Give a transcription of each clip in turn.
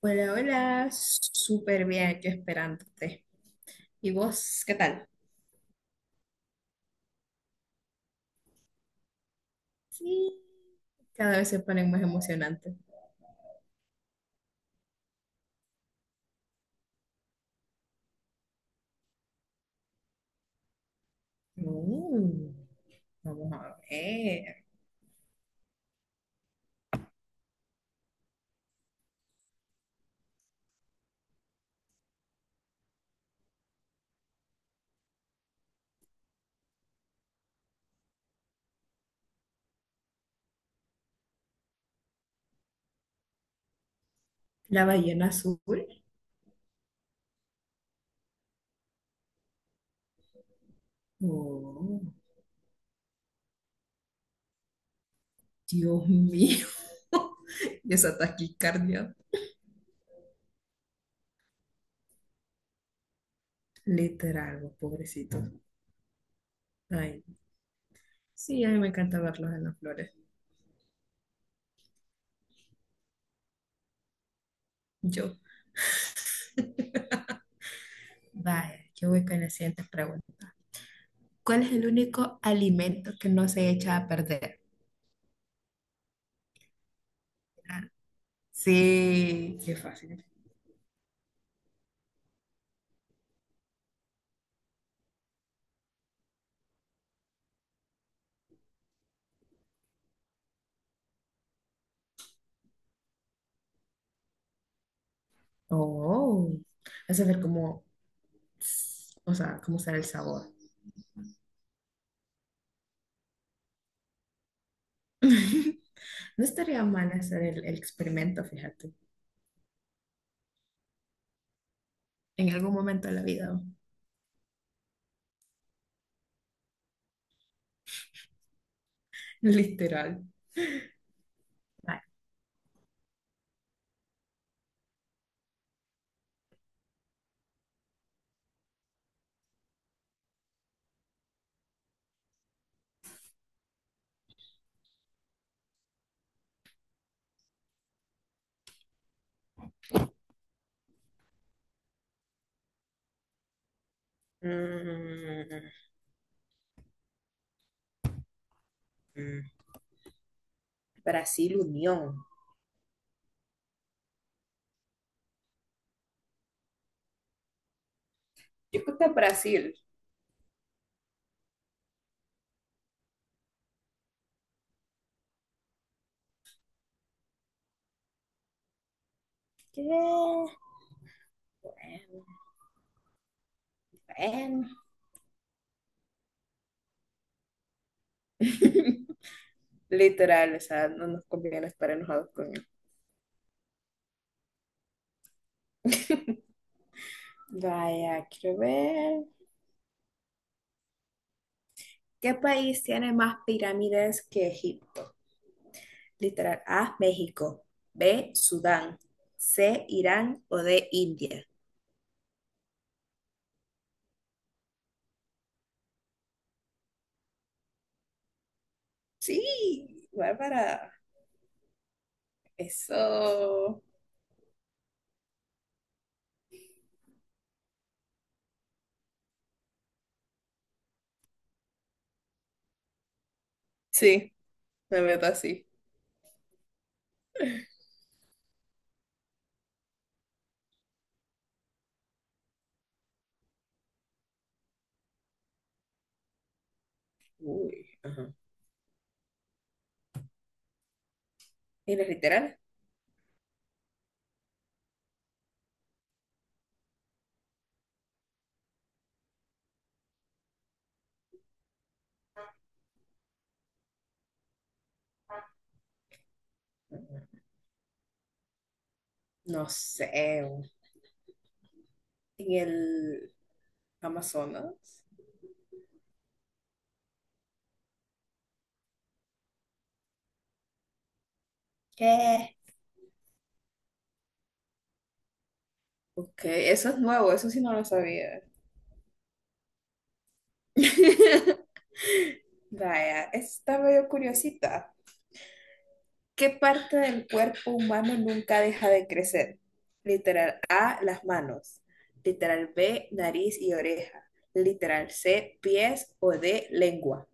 Hola, hola, súper bien, yo esperándote. ¿Y vos, qué tal? Sí, cada vez se ponen más emocionantes. Uh, vamos a ver. La ballena azul. Oh, Dios mío. Y esa taquicardia. Literal, vos, pobrecitos. Ay, sí, a mí me encanta verlos en las flores. Yo, vaya, yo voy con la siguiente pregunta. ¿Cuál es el único alimento que no se echa a perder? Ah, sí, qué fácil. Oh, vas a ver cómo, o sea, cómo será el sabor. No estaría mal hacer el experimento, fíjate, en algún momento de la vida, literal. Ay, Mm, mm. Brasil Unión. Yo creo que Brasil. ¿Qué? Bueno. Literal, o sea, no nos conviene estar enojados con él. Vaya, quiero ver. ¿Qué país tiene más pirámides que Egipto? Literal. A, México. B, Sudán. C, Irán o D, India. Sí, Bárbara. Eso. Sí, la verdad sí. Uy, ajá. ¿Y los literales? No sé. En el Amazonas. ¿Qué? Ok, eso es nuevo, eso sí no lo sabía. Vaya, está medio curiosita. ¿Qué parte del cuerpo humano nunca deja de crecer? Literal A, las manos. Literal B, nariz y oreja. Literal C, pies o D, lengua.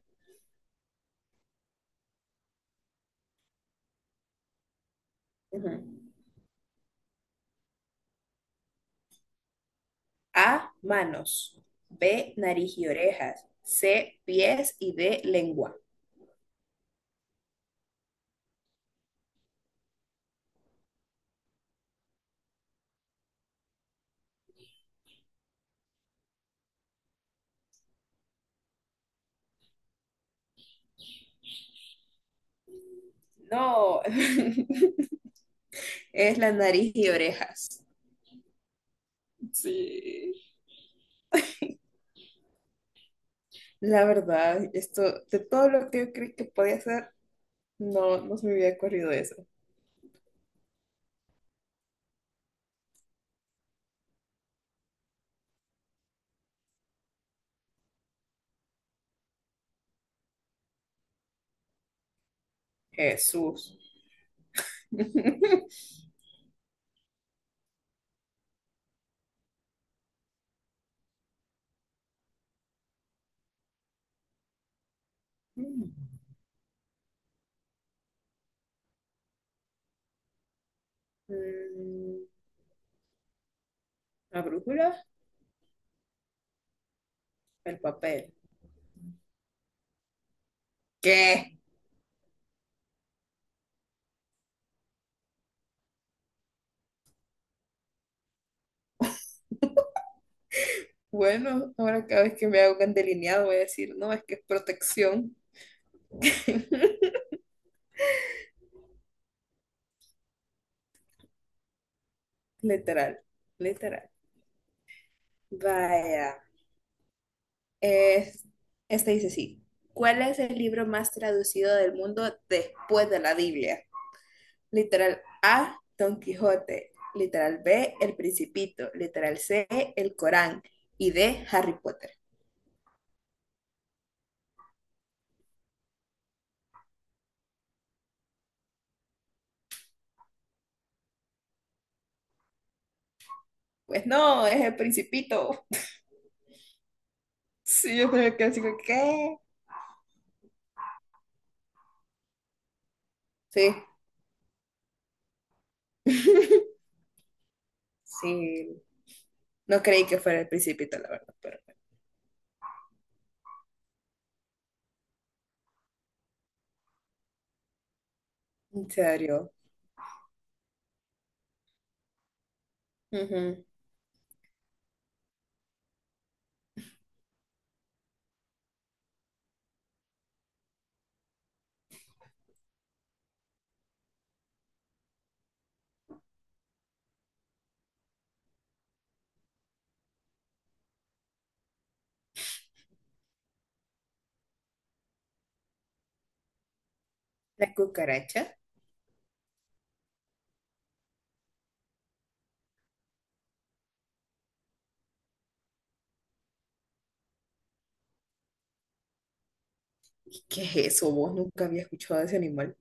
Ujú. A, manos. B, nariz y orejas. C, pies y D, lengua. No, es la nariz y orejas. Sí. La verdad, esto, de todo lo que yo creí que podía hacer, no, no se me había ocurrido eso. Jesús. Mm, mm, la brújula, el papel. ¿Qué? Bueno, ahora cada vez que me hago un delineado voy a decir, no, es que es protección. Literal, literal. Vaya. Es, este dice sí. ¿Cuál es el libro más traducido del mundo después de la Biblia? Literal A, Don Quijote. Literal B, El Principito. Literal C, El Corán. Y D, Harry Potter. Pues no, es El Principito. Sí, yo también quedé así como, ¿qué? Sí. Sí. No creí que fuera el Principito, la verdad, pero en serio. Ujú. La cucaracha. ¿Qué, qué es eso? Vos nunca había escuchado de ese animal.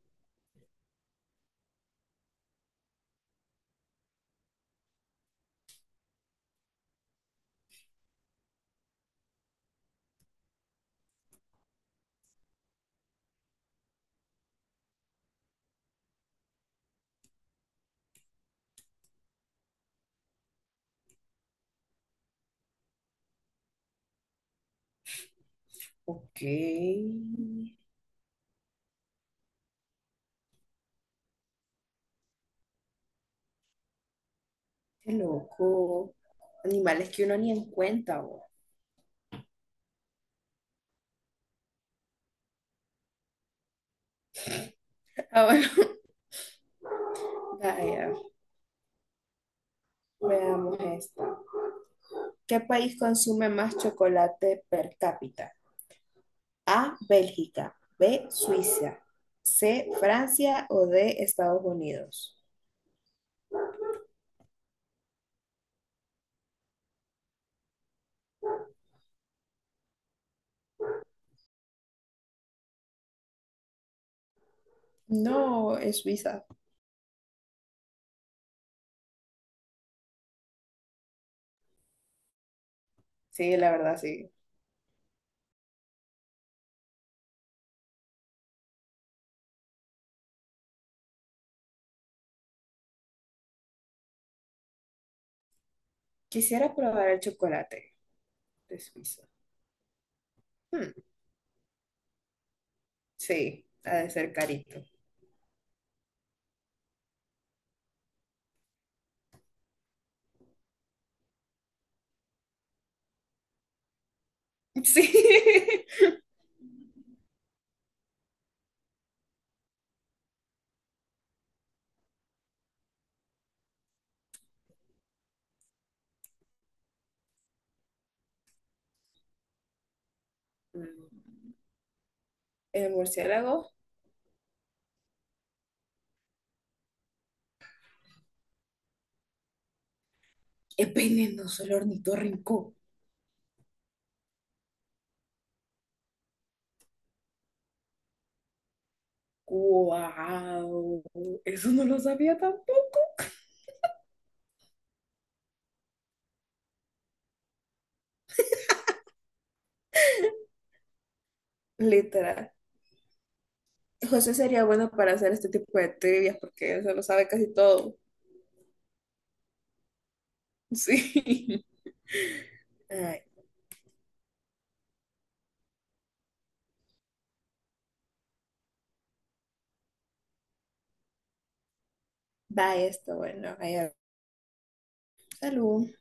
Ok. Qué loco. Animales que uno ni en cuenta, vos. Ah, bueno. Vaya, veamos esta. ¿Qué país consume más chocolate per cápita? A, Bélgica. B, Suiza. C, Francia o D, Estados Unidos. No, es Suiza. Sí, la verdad, sí. Quisiera probar el chocolate de Suiza. Hmm, sí, ha de ser carito. Sí. Mm, el murciélago es venenoso, el ornitorrinco. ¡Guau! Eso no lo sabía tampoco. Literal. José sería bueno para hacer este tipo de trivias porque él se lo sabe casi todo. Sí. Ay, va esto, bueno. Ahí va. Salud.